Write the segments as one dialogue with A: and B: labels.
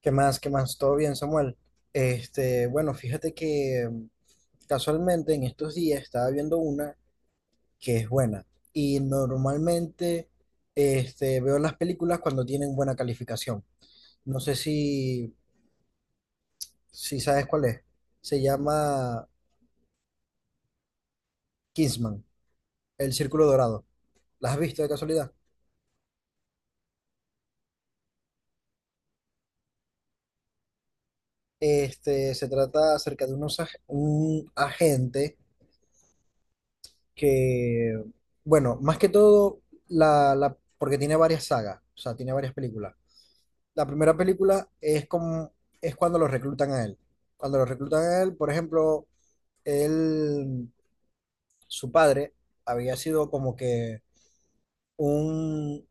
A: ¿Qué más? ¿Qué más? ¿Todo bien, Samuel? Bueno, fíjate que casualmente en estos días estaba viendo una que es buena. Y normalmente veo las películas cuando tienen buena calificación. No sé si sabes cuál es. Se llama Kingsman, El Círculo Dorado. ¿La has visto de casualidad? Se trata acerca de unos, un agente que, bueno, más que todo, porque tiene varias sagas, o sea, tiene varias películas. La primera película es como, es cuando lo reclutan a él. Cuando lo reclutan a él, por ejemplo, él, su padre había sido como que un,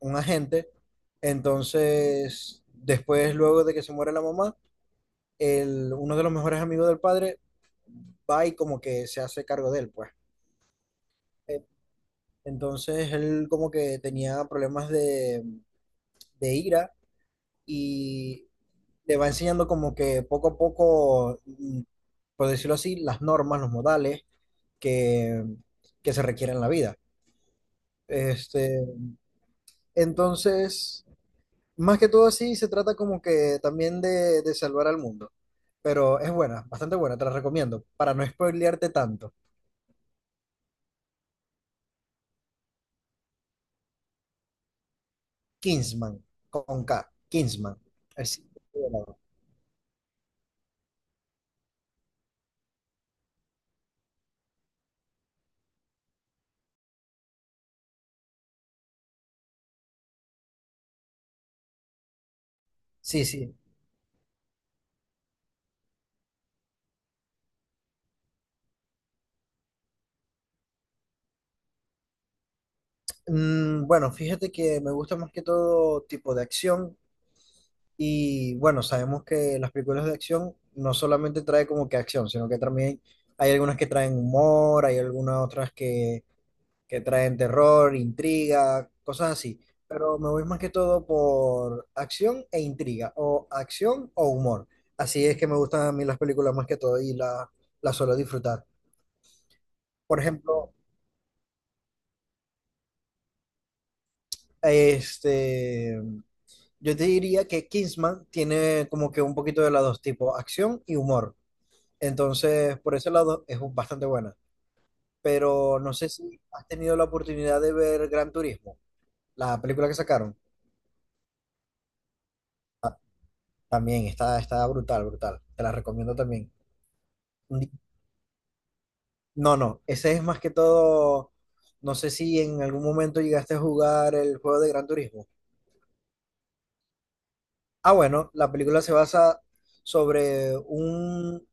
A: un agente, entonces, después, luego de que se muere la mamá, el, uno de los mejores amigos del padre va y como que se hace cargo de él, pues. Eh, Entonces él como que tenía problemas de ira y le va enseñando como que poco a poco, por decirlo así, las normas, los modales que, que se requieren en la vida. Este, entonces, más que todo así, se trata como que también de salvar al mundo. Pero es buena, bastante buena, te la recomiendo. Para no spoilearte tanto, Kingsman, con K, Kingsman. Así, sí, sí. Bueno, fíjate que me gusta más que todo tipo de acción. Y bueno, sabemos que las películas de acción no solamente trae como que acción, sino que también hay algunas que traen humor, hay algunas otras que traen terror, intriga, cosas así. Pero me voy más que todo por acción e intriga, o acción o humor. Así es que me gustan a mí las películas más que todo y las suelo disfrutar. Por ejemplo, este, yo te diría que Kingsman tiene como que un poquito de los dos tipos, acción y humor. Entonces, por ese lado es bastante buena. Pero no sé si has tenido la oportunidad de ver Gran Turismo, la película que sacaron. Ah, también está, está brutal, brutal. Te la recomiendo también. Ni- No, no, ese es más que todo. No sé si en algún momento llegaste a jugar el juego de Gran Turismo. Ah, bueno, la película se basa sobre un,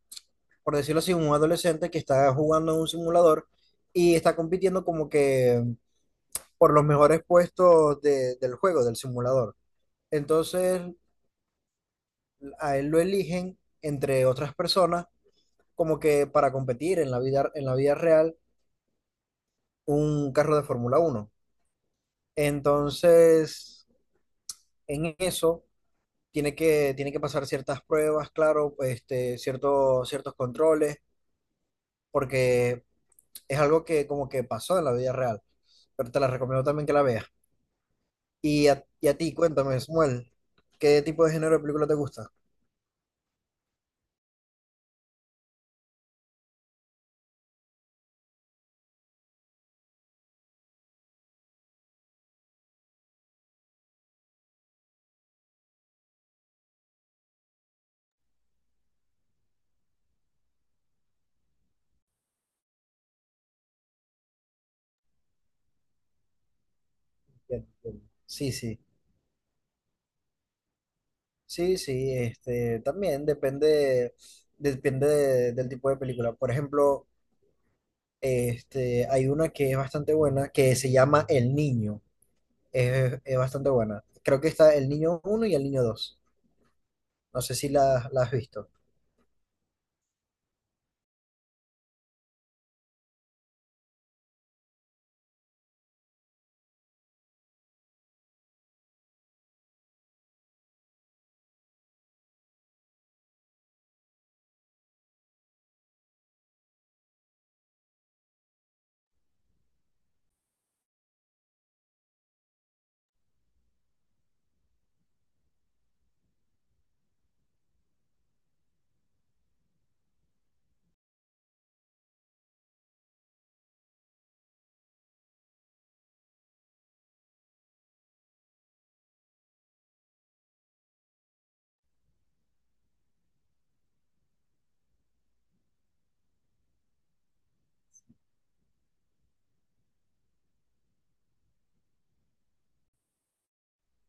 A: por decirlo así, un adolescente que está jugando en un simulador y está compitiendo como que por los mejores puestos del juego, del simulador. Entonces, a él lo eligen, entre otras personas, como que para competir en la vida real, un carro de Fórmula 1 Entonces, en eso, tiene que pasar ciertas pruebas, claro, ciertos controles, porque es algo que como que pasó en la vida real. Pero te la recomiendo también que la veas. Y a ti, cuéntame, Samuel, ¿qué tipo de género de película te gusta? Bien, bien. Sí, sí, sí, sí, también depende, depende del tipo de película. Por ejemplo, hay una que es bastante buena que se llama El Niño. Es bastante buena. Creo que está El Niño 1 y El Niño 2 No sé si la has visto.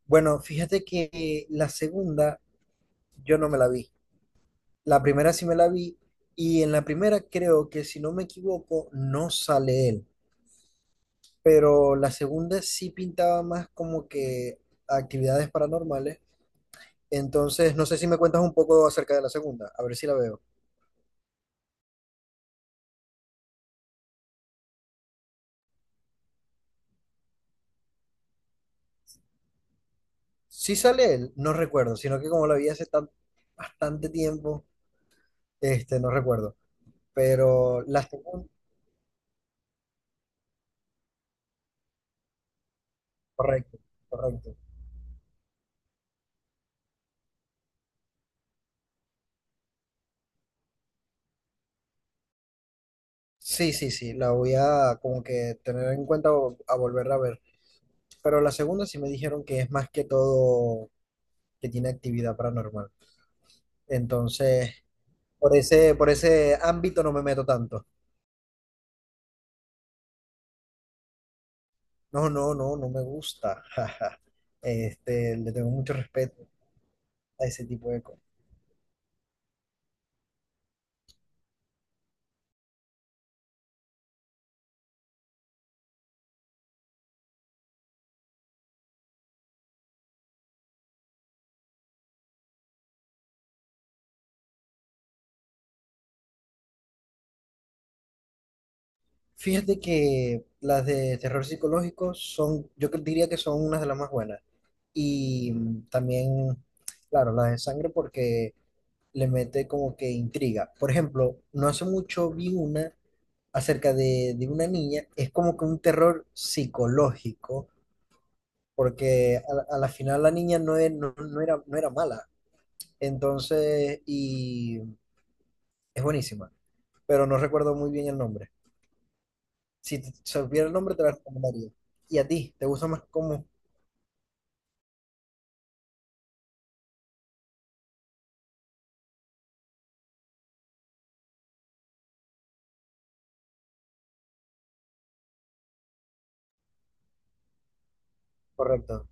A: Bueno, fíjate que la segunda yo no me la vi. La primera sí me la vi y en la primera creo que si no me equivoco no sale él. Pero la segunda sí pintaba más como que actividades paranormales. Entonces, no sé si me cuentas un poco acerca de la segunda, a ver si la veo. Si sale él, no recuerdo, sino que como la vi hace tan, bastante tiempo, no recuerdo. Pero la segunda, correcto, correcto. Sí, sí, sí, la voy a como que tener en cuenta a volverla a ver. Pero la segunda sí me dijeron que es más que todo que tiene actividad paranormal. Entonces, por ese ámbito no me meto tanto. No, no, no, no me gusta. Jaja. Le tengo mucho respeto a ese tipo de cosas. Fíjate que las de terror psicológico son, diría que son unas de las más buenas. Y también, claro, las de sangre porque le mete como que intriga. Por ejemplo, no hace mucho vi una acerca de una niña, es como que un terror psicológico, porque a la final la niña no, es, no era, no era mala. Entonces, y es buenísima, pero no recuerdo muy bien el nombre. Si te supiera el nombre, te la recomendaría. ¿Y a ti? ¿Te gusta más cómo correcto?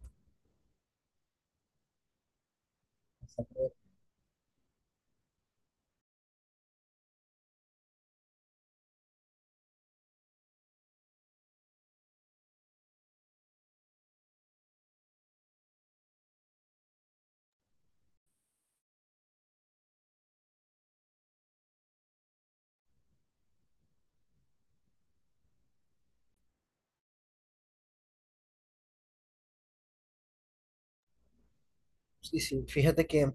A: Sí, sí. Fíjate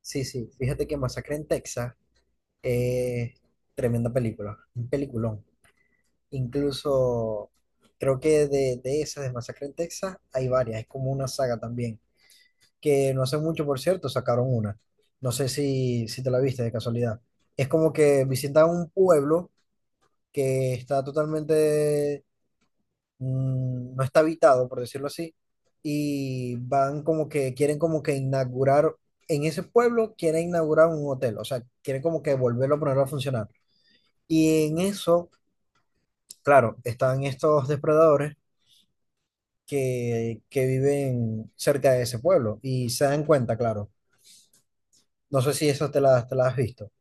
A: sí, sí. Fíjate que Masacre en Texas es tremenda película, un peliculón. Incluso creo que de esas de Masacre en Texas hay varias, es como una saga también. Que no hace mucho, por cierto, sacaron una. No sé si te la viste de casualidad. Es como que visitan un pueblo que está totalmente no está habitado, por decirlo así, y van como que, quieren como que inaugurar, en ese pueblo quieren inaugurar un hotel, o sea, quieren como que volverlo a ponerlo a funcionar. Y en eso, claro, están estos depredadores que viven cerca de ese pueblo y se dan cuenta, claro. No sé si eso te la has visto.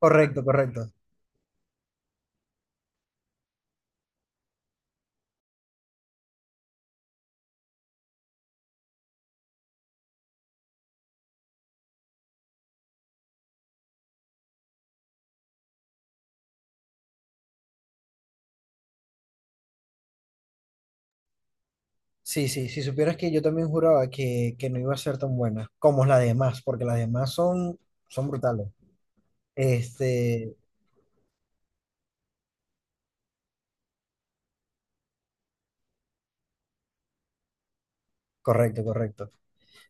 A: Correcto, correcto. Sí, sí, si supieras que yo también juraba que no iba a ser tan buena como las demás, porque las demás son, son brutales. Este, Correcto, correcto.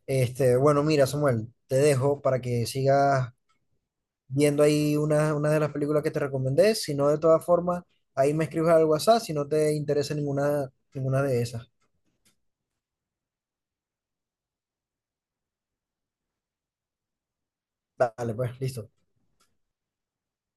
A: Bueno, mira, Samuel, te dejo para que sigas viendo ahí una de las películas que te recomendé. Si no, de todas formas, ahí me escribes al WhatsApp si no te interesa ninguna, ninguna de esas. Dale, pues, listo.